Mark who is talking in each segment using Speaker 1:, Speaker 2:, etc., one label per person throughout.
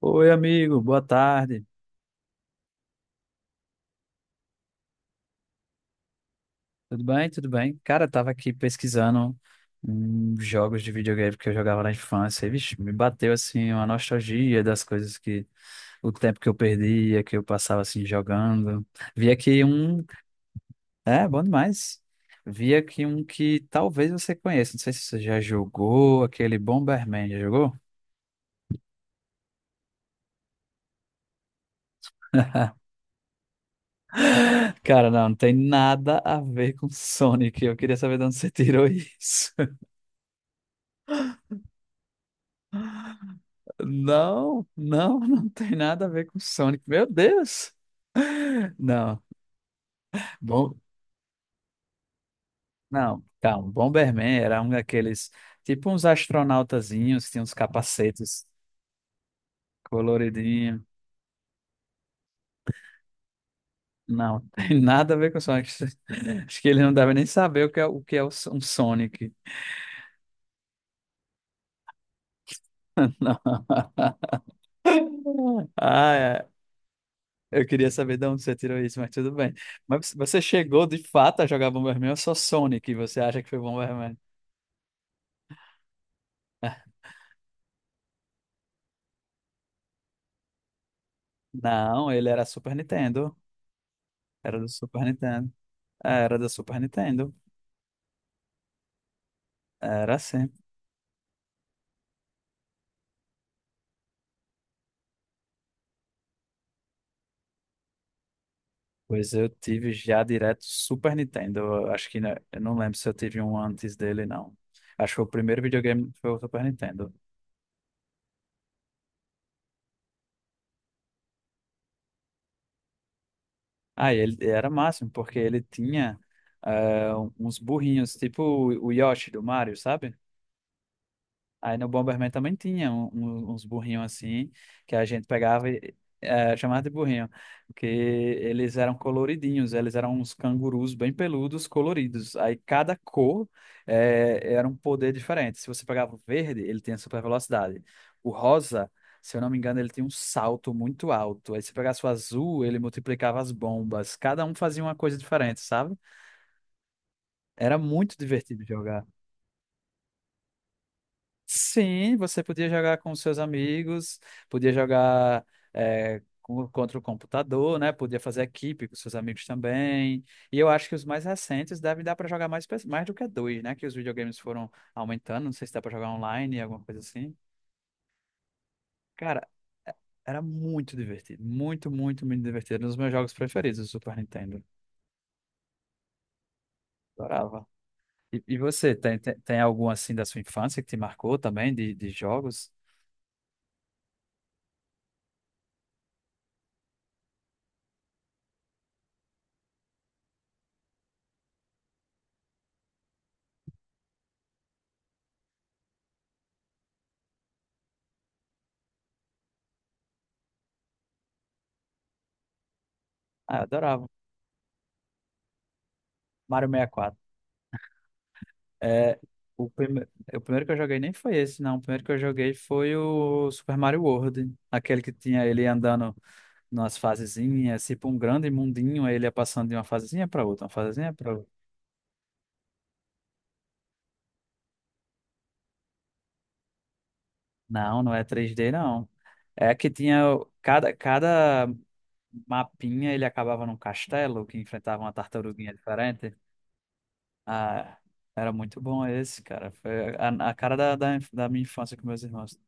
Speaker 1: Oi, amigo, boa tarde. Tudo bem? Tudo bem? Cara, eu tava aqui pesquisando jogos de videogame que eu jogava na infância. E, vixe, me bateu assim uma nostalgia das coisas que o tempo que eu perdia, que eu passava assim jogando. Vi aqui um, é, bom demais. Vi aqui um que talvez você conheça, não sei se você já jogou, aquele Bomberman, já jogou? Cara, não, não tem nada a ver com Sonic. Eu queria saber de onde você tirou isso. Não, não, não tem nada a ver com Sonic. Meu Deus! Não, bom, não, calma. Bomberman era um daqueles, tipo uns astronautazinhos, tinha uns capacetes coloridinhos. Não, tem nada a ver com Sonic. Acho que ele não deve nem saber o que é um Sonic. Não. Ah, é. Eu queria saber de onde você tirou isso, mas tudo bem. Mas você chegou de fato a jogar Bomberman ou só Sonic? Você acha que foi Bomberman? Não, ele era Super Nintendo. Era do Super Nintendo. É, era do Super Nintendo. Era sim. Pois eu tive já direto Super Nintendo. Eu acho que né, eu não lembro se eu tive um antes dele, não. Acho que o primeiro videogame foi o Super Nintendo. Ah, e ele era máximo, porque ele tinha eh, uns burrinhos, tipo o Yoshi do Mario, sabe? Aí no Bomberman também tinha uns burrinhos assim, que a gente pegava e chamava de burrinho, porque eles eram coloridinhos, eles eram uns cangurus bem peludos, coloridos. Aí cada cor era um poder diferente. Se você pegava o verde, ele tinha super velocidade. O rosa, se eu não me engano, ele tinha um salto muito alto. Aí se pegasse o azul, ele multiplicava as bombas. Cada um fazia uma coisa diferente, sabe? Era muito divertido jogar. Sim, você podia jogar com seus amigos, podia jogar contra o computador, né? Podia fazer equipe com seus amigos também. E eu acho que os mais recentes devem dar para jogar mais, mais do que dois, né? Que os videogames foram aumentando. Não sei se dá para jogar online, alguma coisa assim. Cara, era muito divertido. Muito, muito, muito divertido. Um dos meus jogos preferidos do Super Nintendo. Adorava. E você, tem algum assim da sua infância que te marcou também, de jogos? Ah, eu adorava. Mario 64. É, o, prime... o primeiro que eu joguei nem foi esse, não. O primeiro que eu joguei foi o Super Mario World. Aquele que tinha ele andando nas fasezinhas, tipo um grande mundinho, aí ele ia passando de uma fasezinha para outra, uma fasezinha para outra. Não, não é três d não. É que tinha cada mapinha, ele acabava num castelo que enfrentava uma tartaruguinha diferente. Ah, era muito bom esse, cara. Foi a cara da minha infância com meus irmãos.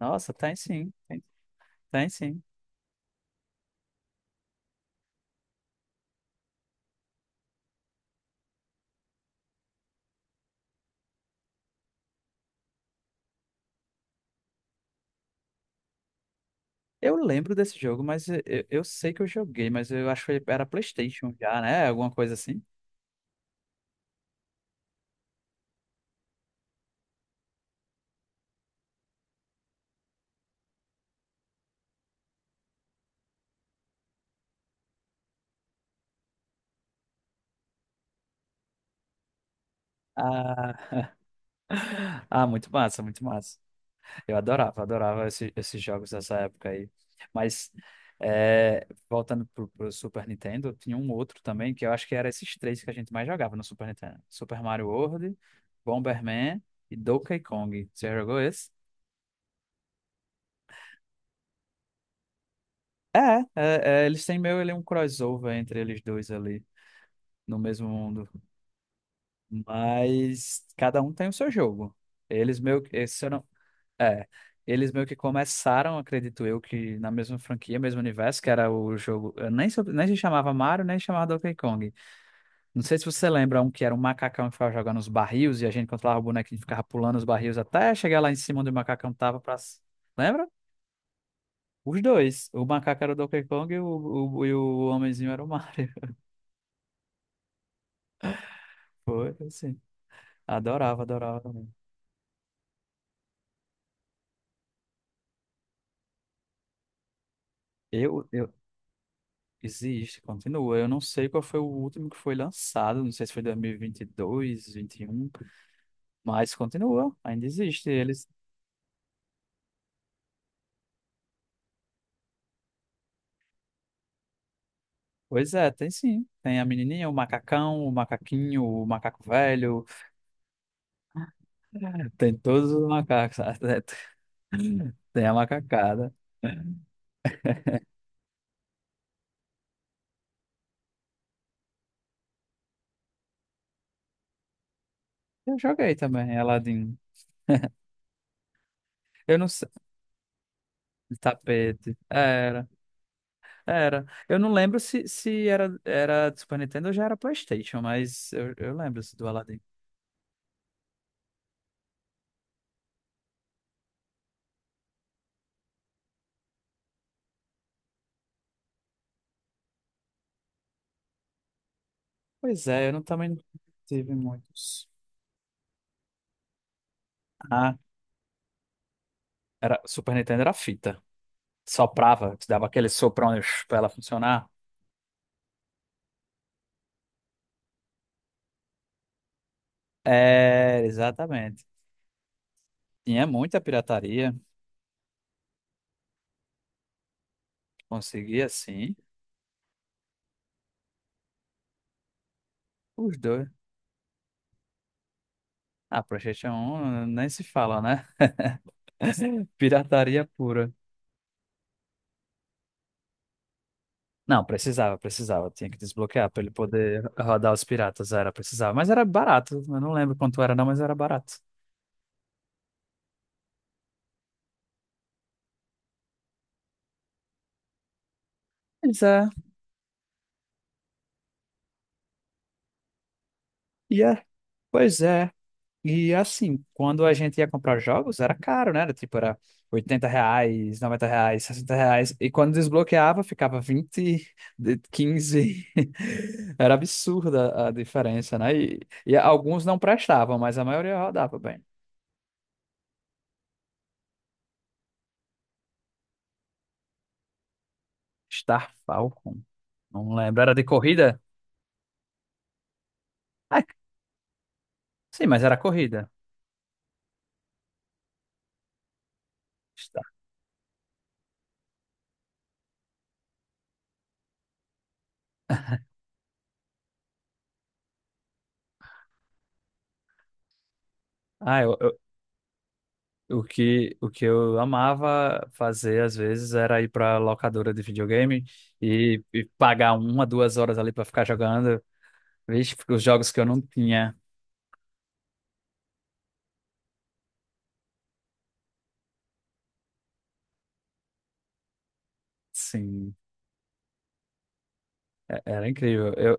Speaker 1: Nossa, tem sim, tem, tem sim. Eu lembro desse jogo, mas eu sei que eu joguei, mas eu acho que era PlayStation já, né? Alguma coisa assim. Ah, ah, muito massa, muito massa. Eu adorava, adorava esses jogos dessa época aí. Mas, voltando pro Super Nintendo, tinha um outro também, que eu acho que era esses três que a gente mais jogava no Super Nintendo. Super Mario World, Bomberman e Donkey Kong. Você já jogou esse? É, é, é, eles têm meio ele um crossover entre eles dois ali, no mesmo mundo. Mas cada um tem o seu jogo. Eles meio que, se eu não, é, Eles meio que começaram, acredito eu, que na mesma franquia, mesmo universo, que era o jogo, eu nem, nem se chamava Mario, nem se chamava Donkey Kong. Não sei se você lembra um que era um macacão que ficava jogando os barris e a gente controlava o bonequinho e ficava pulando os barris até chegar lá em cima onde o macacão tava pra... Lembra? Os dois. O macaco era o Donkey Kong e e o homenzinho era o Mario. Foi assim. Adorava, adorava também. Eu, eu- Existe, continua. Eu não sei qual foi o último que foi lançado, não sei se foi dois mil e vinte e dois, 21, mas continua, ainda existe eles. Pois é, tem sim. Tem a menininha, o macacão, o macaquinho, o macaco velho, tem todos os macacos até, tem a macacada. Eu joguei também, Aladdin. Eu não sei. Tapete. Era, era. Eu não lembro se era do Super Nintendo ou já era PlayStation, mas eu lembro do Aladdin. Pois é, eu não, também não tive muitos. Ah, Super Nintendo era fita. Soprava, te dava aquele soprão para ela funcionar. É, exatamente. Tinha muita pirataria, conseguia sim. Os dois. Ah, PlayStation um nem se fala, né? Pirataria pura. Não, precisava, precisava. Tinha que desbloquear para ele poder rodar os piratas. Era, precisava. Mas era barato. Eu não lembro quanto era, não, mas era barato. Pois é. E é. Pois é. E assim, quando a gente ia comprar jogos, era caro, né? Tipo, era R$ 80, R$ 90, R$ 60. E quando desbloqueava, ficava 20 15. Era absurda a diferença, né? E alguns não prestavam, mas a maioria rodava bem. Star Falcon. Não lembro. Era de corrida? Ah, sim, mas era corrida. Star. Ah, o que eu amava fazer às vezes era ir para locadora de videogame e pagar uma, 2 horas ali para ficar jogando, vixe, os jogos que eu não tinha. Sim, era incrível.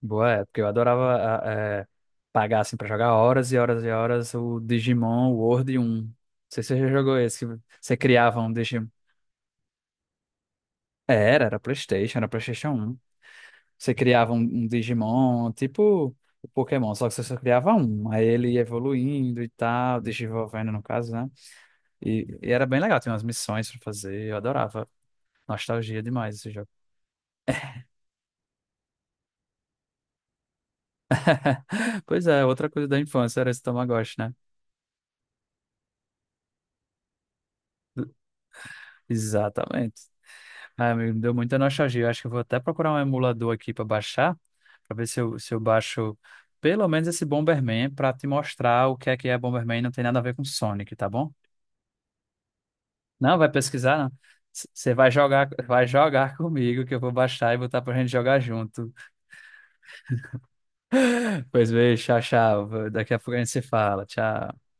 Speaker 1: Boa época, eu adorava a- é, pagar assim para jogar horas e horas e horas o Digimon World 1. Não sei se você já jogou esse, que você criava um Digimon. Era, era PlayStation um. Você criava um Digimon, tipo o Pokémon, só que você só criava um. Aí ele ia evoluindo e tal, desenvolvendo no caso, né? E era bem legal, tinha umas missões pra fazer, eu adorava. Nostalgia demais esse jogo. Pois é, outra coisa da infância era esse Tamagotchi, né? Exatamente. Ah, me deu muita nostalgia. Eu acho que eu vou até procurar um emulador aqui pra baixar, pra ver se eu baixo pelo menos esse Bomberman pra te mostrar o que é Bomberman e não tem nada a ver com Sonic, tá bom? Não, vai pesquisar, não. Você vai jogar comigo, que eu vou baixar e botar pra gente jogar junto. Pois beijo, tchau, tchau. Daqui a pouco a gente se fala. Tchau.